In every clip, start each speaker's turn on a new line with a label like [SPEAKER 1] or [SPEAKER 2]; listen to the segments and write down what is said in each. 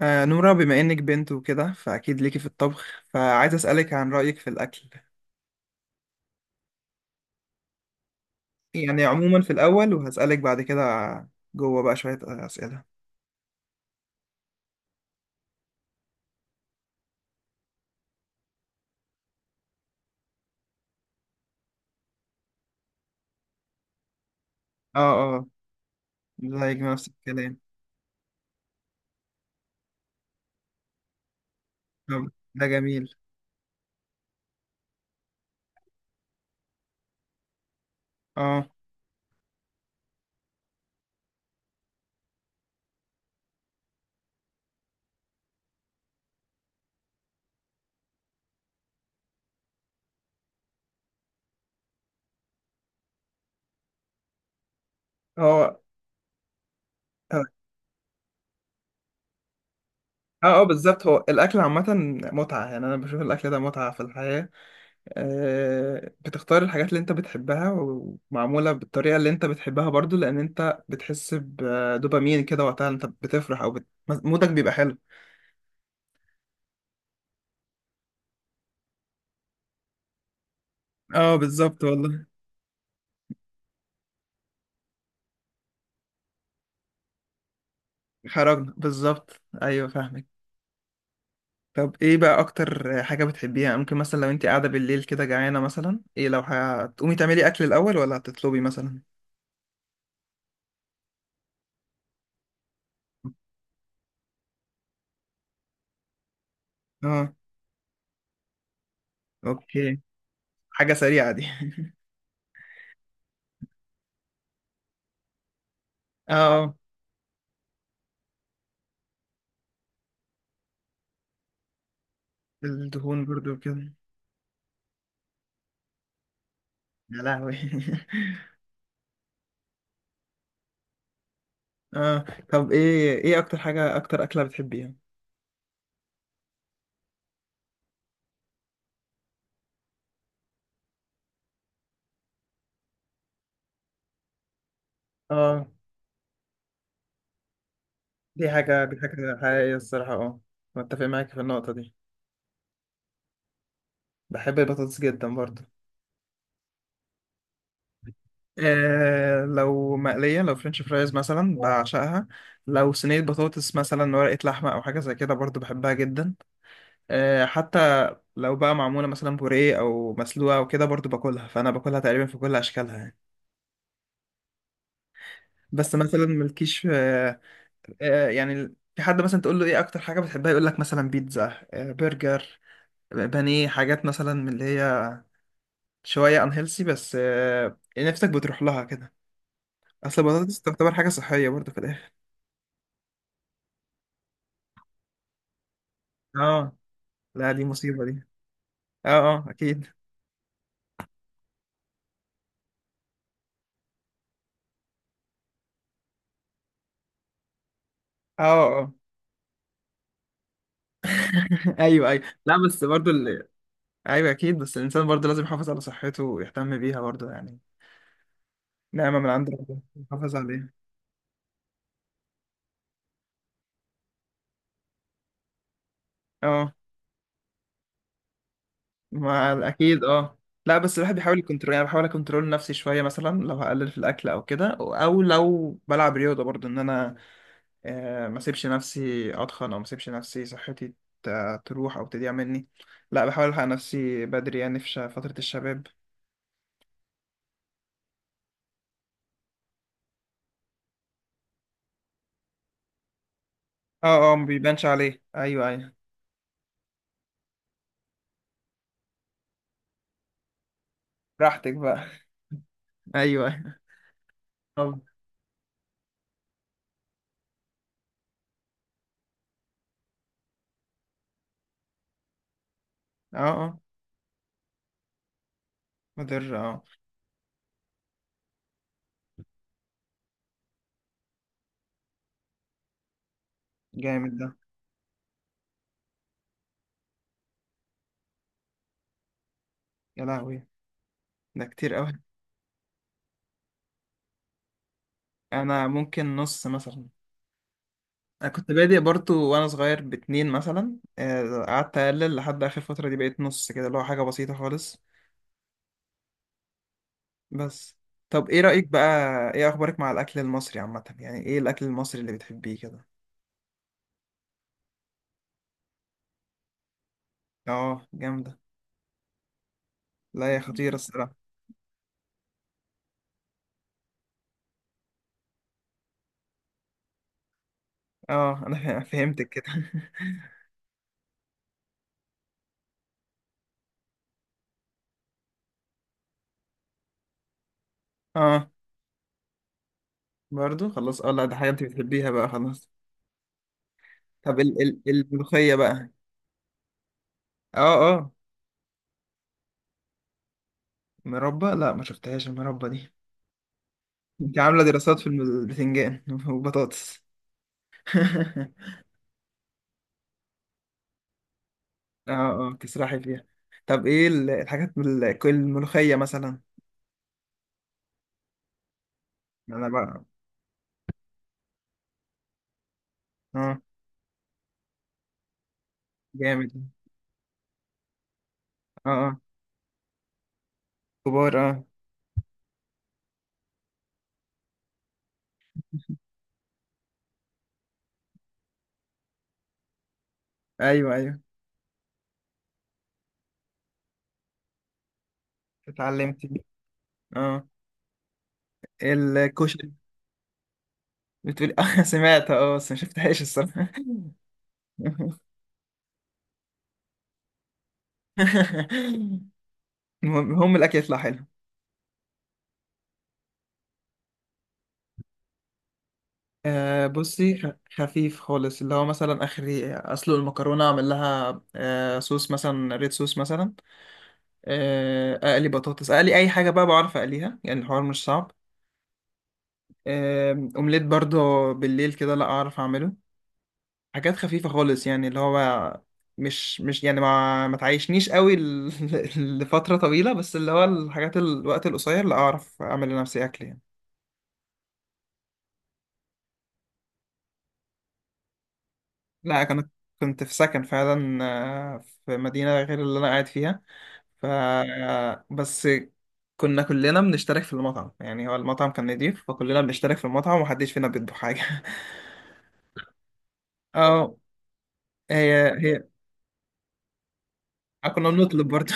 [SPEAKER 1] نورا، بما إنك بنت وكده فأكيد ليكي في الطبخ، فعايز أسألك عن رأيك في الأكل. يعني عموما في الأول، وهسألك بعد كده جوه بقى شوية أسئلة. اه. اه. زيك نفس الكلام. طب ده جميل. اه. هو، بالظبط، هو الأكل عامة متعة، يعني أنا بشوف الأكل ده متعة في الحياة. بتختار الحاجات اللي أنت بتحبها ومعمولة بالطريقة اللي أنت بتحبها برضو، لأن أنت بتحس بدوبامين كده وقتها أنت بتفرح، أو مودك بيبقى حلو. اه، بالظبط والله. خرجنا بالظبط، ايوه، فاهمك. طب ايه بقى اكتر حاجة بتحبيها؟ ممكن مثلا لو انت قاعدة بالليل كده جعانة مثلا، ايه لو هتقومي تعملي اكل الاول ولا هتطلبي مثلا؟ اه. اوكي. حاجة سريعة دي. اه. الدهون برضو كده. يا لهوي. اه. طب، ايه اكتر حاجة، اكتر اكلة بتحبيها؟ اه، دي حاجة حقيقية الصراحة. اه. متفق معاك في النقطة دي. بحب البطاطس جدا برضو. لو مقلية، لو فرنش فرايز مثلا بعشقها. لو صينية بطاطس مثلا ورقة لحمة أو حاجة زي كده برضو بحبها جدا. حتى لو بقى معمولة مثلا بوريه أو مسلوقة أو كده برضو باكلها، فأنا باكلها تقريبا في كل أشكالها يعني. بس مثلا ملكيش يعني في حد مثلا تقول له إيه أكتر حاجة بتحبها، يقول لك مثلا بيتزا، برجر، بانيه، حاجات مثلا من اللي هي شوية أنهيلسي. بس يعني نفسك بتروح لها كده. أصل البطاطس تعتبر حاجة صحية برضو في الآخر. اه، لا، دي مصيبة دي. اه، اه، اكيد. اه، اه، ايوه، ايوه، لا، بس برضو ايوه، اكيد، بس الانسان برضو لازم يحافظ على صحته ويهتم بيها برضو يعني. نعمة من عند ربنا يحافظ عليها. اه، مع، اكيد، اه. لا بس الواحد بيحاول يكنترول، يعني بحاول اكنترول نفسي شويه، مثلا لو هقلل في الاكل او كده، او لو بلعب رياضه برضو، ان انا ما اسيبش نفسي اتخن، او ما اسيبش نفسي صحتي تروح او تضيع مني. لا بحاول الحق نفسي بدري، يعني في فتره الشباب. اه، اه، ما بيبانش عليه، ايوه، ايوه. براحتك بقى. ايوه، ايوه. طب. اه. اه. مضر. اه. جامد ده. يا لهوي. ده كتير قوي. انا ممكن نص مثلا. انا كنت بادئ برضو وانا صغير باتنين مثلا، قعدت اقلل لحد اخر فترة دي بقيت نص كده، اللي هو حاجة بسيطة خالص بس. طب ايه رأيك بقى؟ ايه اخبارك مع الاكل المصري عامة؟ يعني ايه الاكل المصري اللي بتحبيه كده؟ اه، جامدة. لا يا خطيرة الصراحة. اه، انا فهمتك كده. اه. برضو خلاص. اه، لا ده حاجة انت بتحبيها بقى، خلاص. طب ال ال الملوخية بقى؟ اه، اه، مربى؟ لا ما شفتهاش المربى دي. انت عاملة دراسات في البتنجان وبطاطس؟ اه، اه، تسرحي فيها. طب ايه الحاجات، كل الملوخية مثلا؟ انا بقى. اه، جامد. اه، اه، كبار، اه. ايوه، ايوه، اتعلمت دي. اه، الكشري. بتقولي؟ اه، سمعت، اه، بس ما شفتهاش الصراحة. المهم هم الاكل يطلع حلو. بصي، خفيف خالص، اللي هو مثلا اخري اسلق المكرونه، اعمل لها صوص مثلا، ريد صوص مثلا. اقلي بطاطس، اقلي اي حاجه بقى، بعرف اقليها، يعني الحوار مش صعب. اومليت برضه بالليل كده، لا اعرف اعمله. حاجات خفيفه خالص، يعني اللي هو مش يعني ما تعيشنيش قوي لفتره طويله، بس اللي هو الحاجات الوقت القصير لا اعرف اعمل لنفسي اكل يعني. لا كنت في سكن فعلا، في مدينة غير اللي أنا قاعد فيها. ف بس كنا كلنا بنشترك في المطعم، يعني هو المطعم كان نضيف، فكلنا بنشترك في المطعم ومحدش فينا بيطبخ حاجة. اه. هي. كنا بنطلب برضو.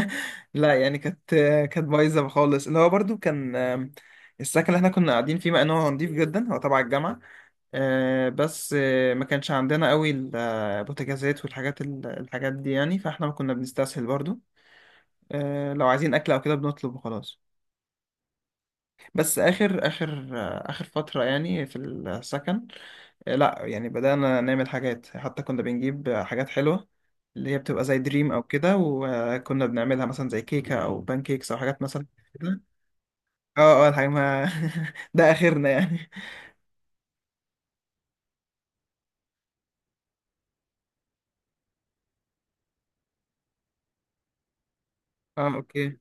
[SPEAKER 1] لا يعني كانت بايظة خالص، اللي هو برضو كان السكن اللي احنا كنا قاعدين فيه، مع انه هو نضيف جدا هو تبع الجامعة. بس ما كانش عندنا قوي البوتاجازات والحاجات الحاجات دي، يعني فاحنا ما كنا بنستسهل برضو. لو عايزين اكل او كده بنطلب وخلاص. بس اخر فترة يعني في السكن. لا يعني بدأنا نعمل حاجات، حتى كنا بنجيب حاجات حلوة اللي هي بتبقى زي دريم او كده، وكنا بنعملها مثلا زي كيكة او بان كيكس او حاجات مثلا كده. اه، اه، الحاجة ما ده اخرنا يعني. اه، اوكي.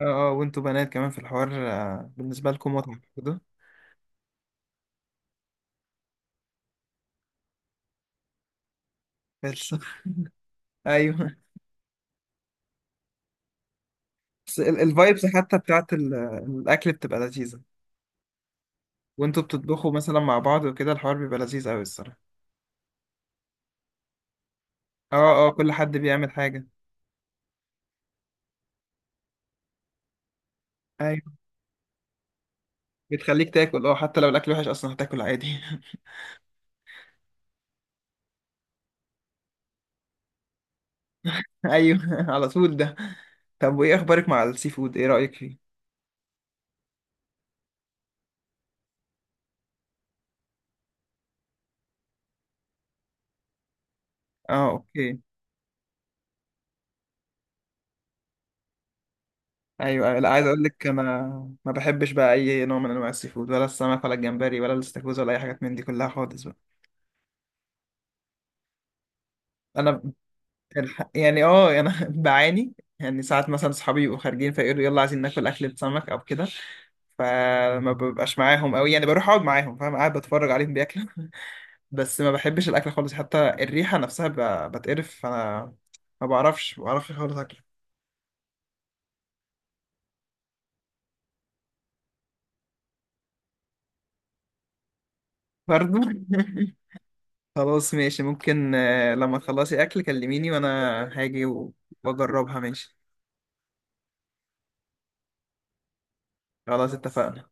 [SPEAKER 1] اه، اه، وانتوا بنات كمان في الحوار بالنسبة لكم متعة كده، بس. ايوه، بس الفايبس حتى بتاعت الاكل بتبقى لذيذه. وانتوا بتطبخوا مثلا مع بعض وكده الحوار بيبقى لذيذ قوي الصراحه. اه، اه، كل حد بيعمل حاجه. ايوه، بتخليك تاكل، اه، حتى لو الاكل وحش اصلا هتاكل عادي. ايوه، على طول ده. طب، وايه اخبارك مع السي فود؟ ايه رايك فيه؟ اه، اوكي. ايوه، أيوة. لا عايز اقول لك، انا ما بحبش بقى اي نوع من انواع السي فود، ولا السمك، ولا الجمبري، ولا الاستاكوزا، ولا اي حاجات من دي كلها خالص بقى. انا يعني اه، انا بعاني، يعني ساعات مثلا صحابي يبقوا خارجين فيقولوا يلا عايزين ناكل اكلة سمك او كده، فما ببقاش معاهم قوي، يعني بروح اقعد معاهم فاهم، قاعد بتفرج عليهم بياكلوا. بس ما بحبش الاكل خالص، حتى الريحة نفسها بتقرف، فانا ما بعرفش، خالص اكل. برضو. خلاص ماشي، ممكن لما تخلصي اكل كلميني وانا هاجي واجربها ماشي. خلاص اتفقنا.